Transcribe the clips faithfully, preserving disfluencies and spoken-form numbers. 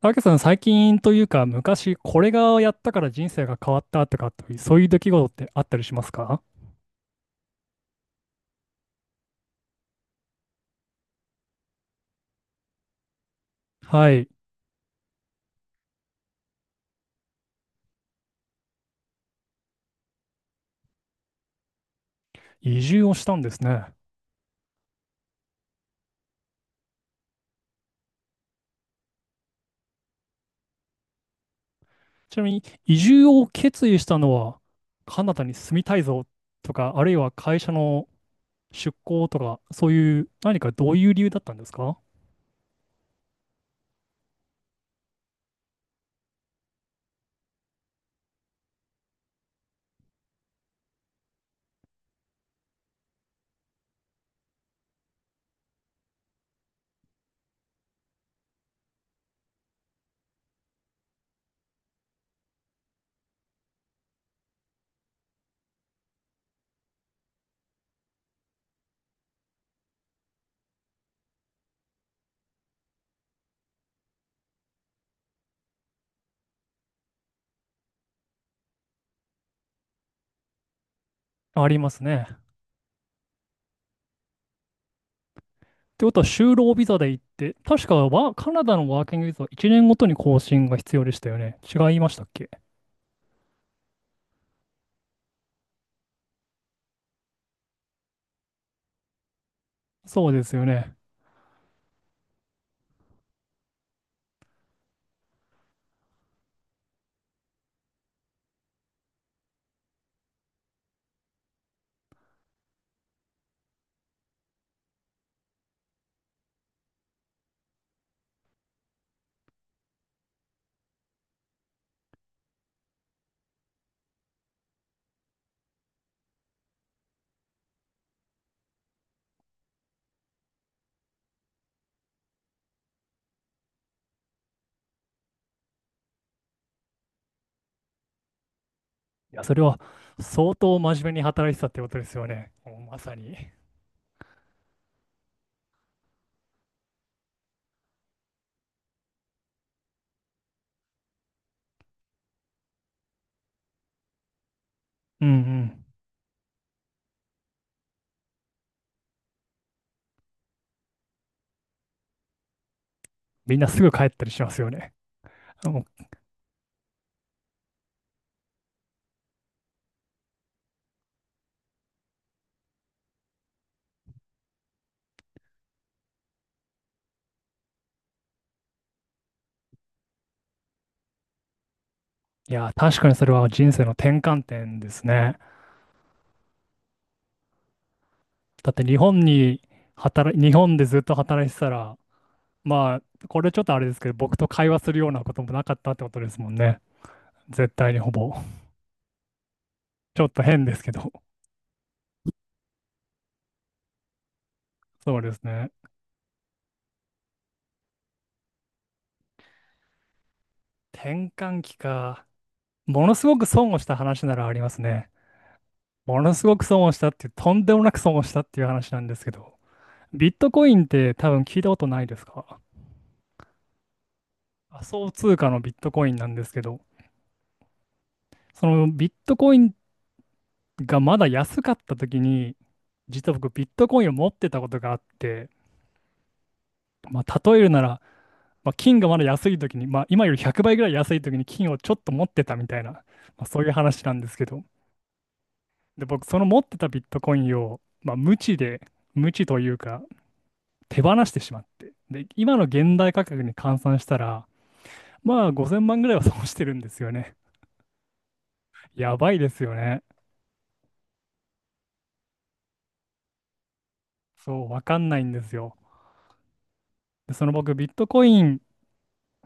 たけさん、最近というか、昔これがやったから人生が変わったとか、そういう出来事ってあったりしますか？はい。移住をしたんですね。ちなみに、移住を決意したのは、カナダに住みたいぞとか、あるいは会社の出向とか、そういう、何かどういう理由だったんですか？ありますね。ってことは、就労ビザで行って、確かはカナダのワーキングビザはいちねんごとに更新が必要でしたよね。違いましたっけ？そうですよね。いや、それは相当真面目に働いてたってことですよね。もうまさに。うんうん。みんなすぐ帰ったりしますよね。もう。いや、確かにそれは人生の転換点ですね。だって日本に働い、日本でずっと働いてたら、まあ、これちょっとあれですけど、僕と会話するようなこともなかったってことですもんね。絶対にほぼ。ちょっと変ですけど。そうですね。転換期か。ものすごく損をした話ならありますね。ものすごく損をしたっていう、とんでもなく損をしたっていう話なんですけど、ビットコインって多分聞いたことないですか？仮想通貨のビットコインなんですけど、そのビットコインがまだ安かった時に、実は僕ビットコインを持ってたことがあって、まあ、例えるなら、まあ、金がまだ安い時に、まあ、今よりひゃくばいぐらい安い時に金をちょっと持ってたみたいな、まあ、そういう話なんですけど、で、僕その持ってたビットコインを、まあ、無知で、無知というか手放してしまって、で、今の現代価格に換算したら、まあごせんまんぐらいは損してるんですよね。やばいですよね。そう、わかんないんですよ。で、その僕、ビットコイン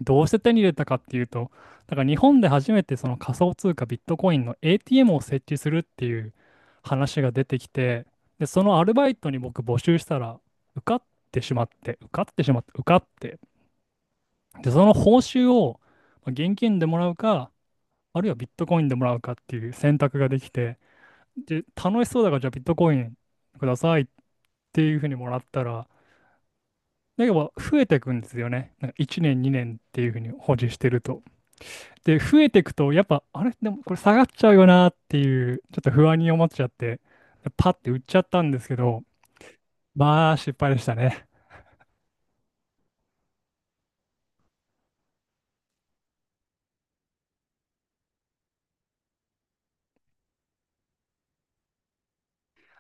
どうして手に入れたかっていうと、だから日本で初めてその仮想通貨ビットコインの エーティーエム を設置するっていう話が出てきて、で、そのアルバイトに僕募集したら受かってしまって、受かってしまって、受かって、で、その報酬をまあ現金でもらうか、あるいはビットコインでもらうかっていう選択ができて、で、楽しそうだからじゃあビットコインくださいっていうふうにもらったら、だけど増えていくんですよね。なんかいちねん、にねんっていうふうに保持してると。で、増えていくと、やっぱ、あれでもこれ下がっちゃうよなっていう、ちょっと不安に思っちゃって、パッて売っちゃったんですけど、まあ、失敗でしたね。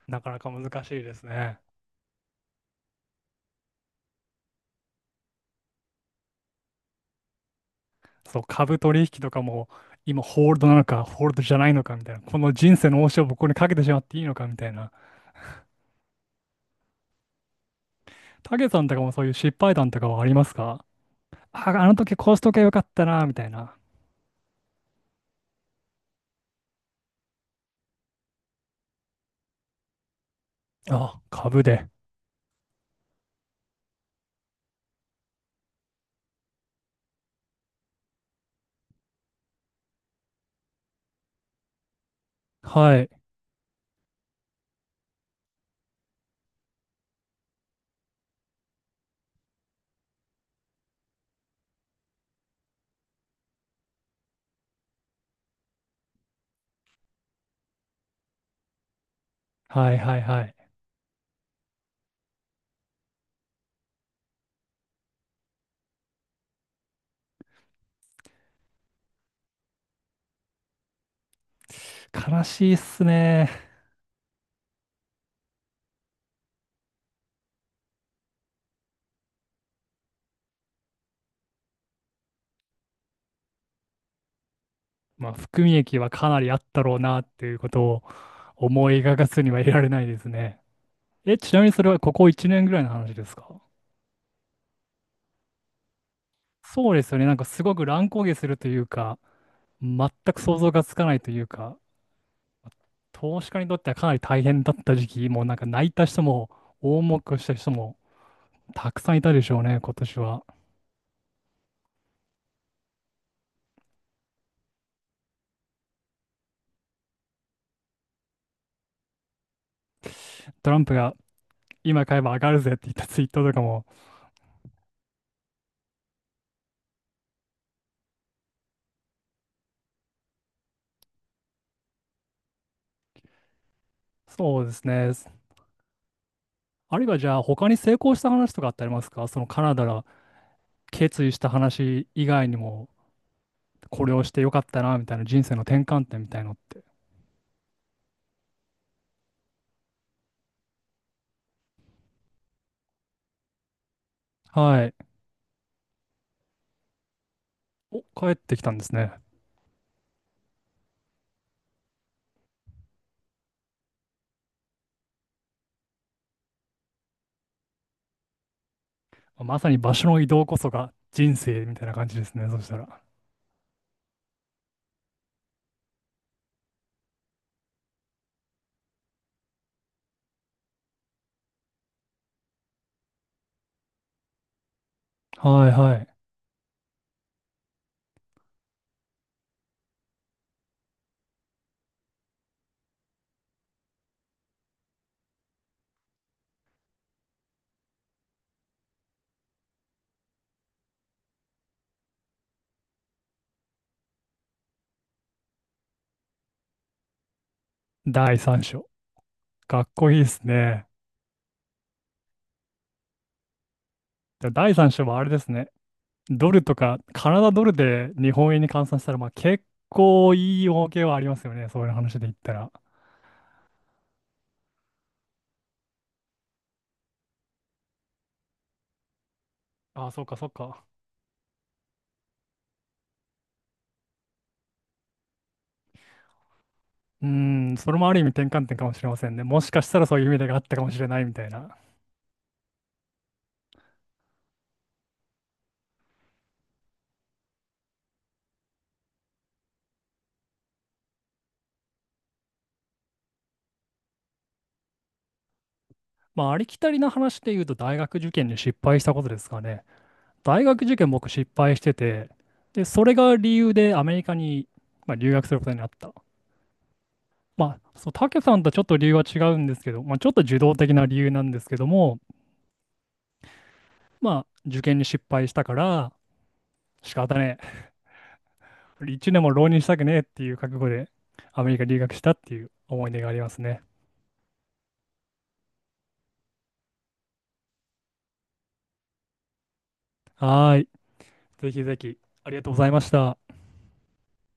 なかなか難しいですね。そう、株取引とかも、今ホールドなのか、ホールドじゃないのかみたいな、この人生の応酬を僕にかけてしまっていいのかみたいな。たけさんとかもそういう失敗談とかはありますか？あ、あの時こうしとけばよかったな、みたいな。あ、株で。はい。はいはいはい。悲しいっすね。まあ、含み益はかなりあったろうなっていうことを思い描かずにはいられないですね。え、ちなみにそれはここいちねんぐらいの話ですか？そうですよね。なんかすごく乱高下するというか、全く想像がつかないというか、投資家にとってはかなり大変だった時期、もうなんか泣いた人も、大儲けをした人もたくさんいたでしょうね、今年は。トランプが今買えば上がるぜって言ったツイートとかも。そうですね。あるいはじゃあ他に成功した話とかってありますか？そのカナダ決意した話以外にも、これをしてよかったな、みたいな人生の転換点みたいのって。はい。お、帰ってきたんですね。まさに場所の移動こそが人生みたいな感じですね。そしたら。はいはい。だいさん章。かっこいいですね。でだいさん章はあれですね。ドルとか、カナダドルで日本円に換算したら、まあ結構いい儲けはありますよね。そういう話で言ったら。ああ、そうかそうか。うーん、それもある意味転換点かもしれませんね。もしかしたらそういう意味でがあったかもしれないみたいな。まあ、ありきたりな話で言うと、大学受験に失敗したことですかね。大学受験、僕失敗してて、で、それが理由でアメリカに、まあ、留学することになった。まあ、そう、たけさんとちょっと理由は違うんですけど、まあ、ちょっと受動的な理由なんですけども、まあ、受験に失敗したから、仕方ねえ。いちねんも浪人したくねえっていう覚悟で、アメリカ留学したっていう思い出がありますね。はーい。ぜひぜひ、ありがとうございました。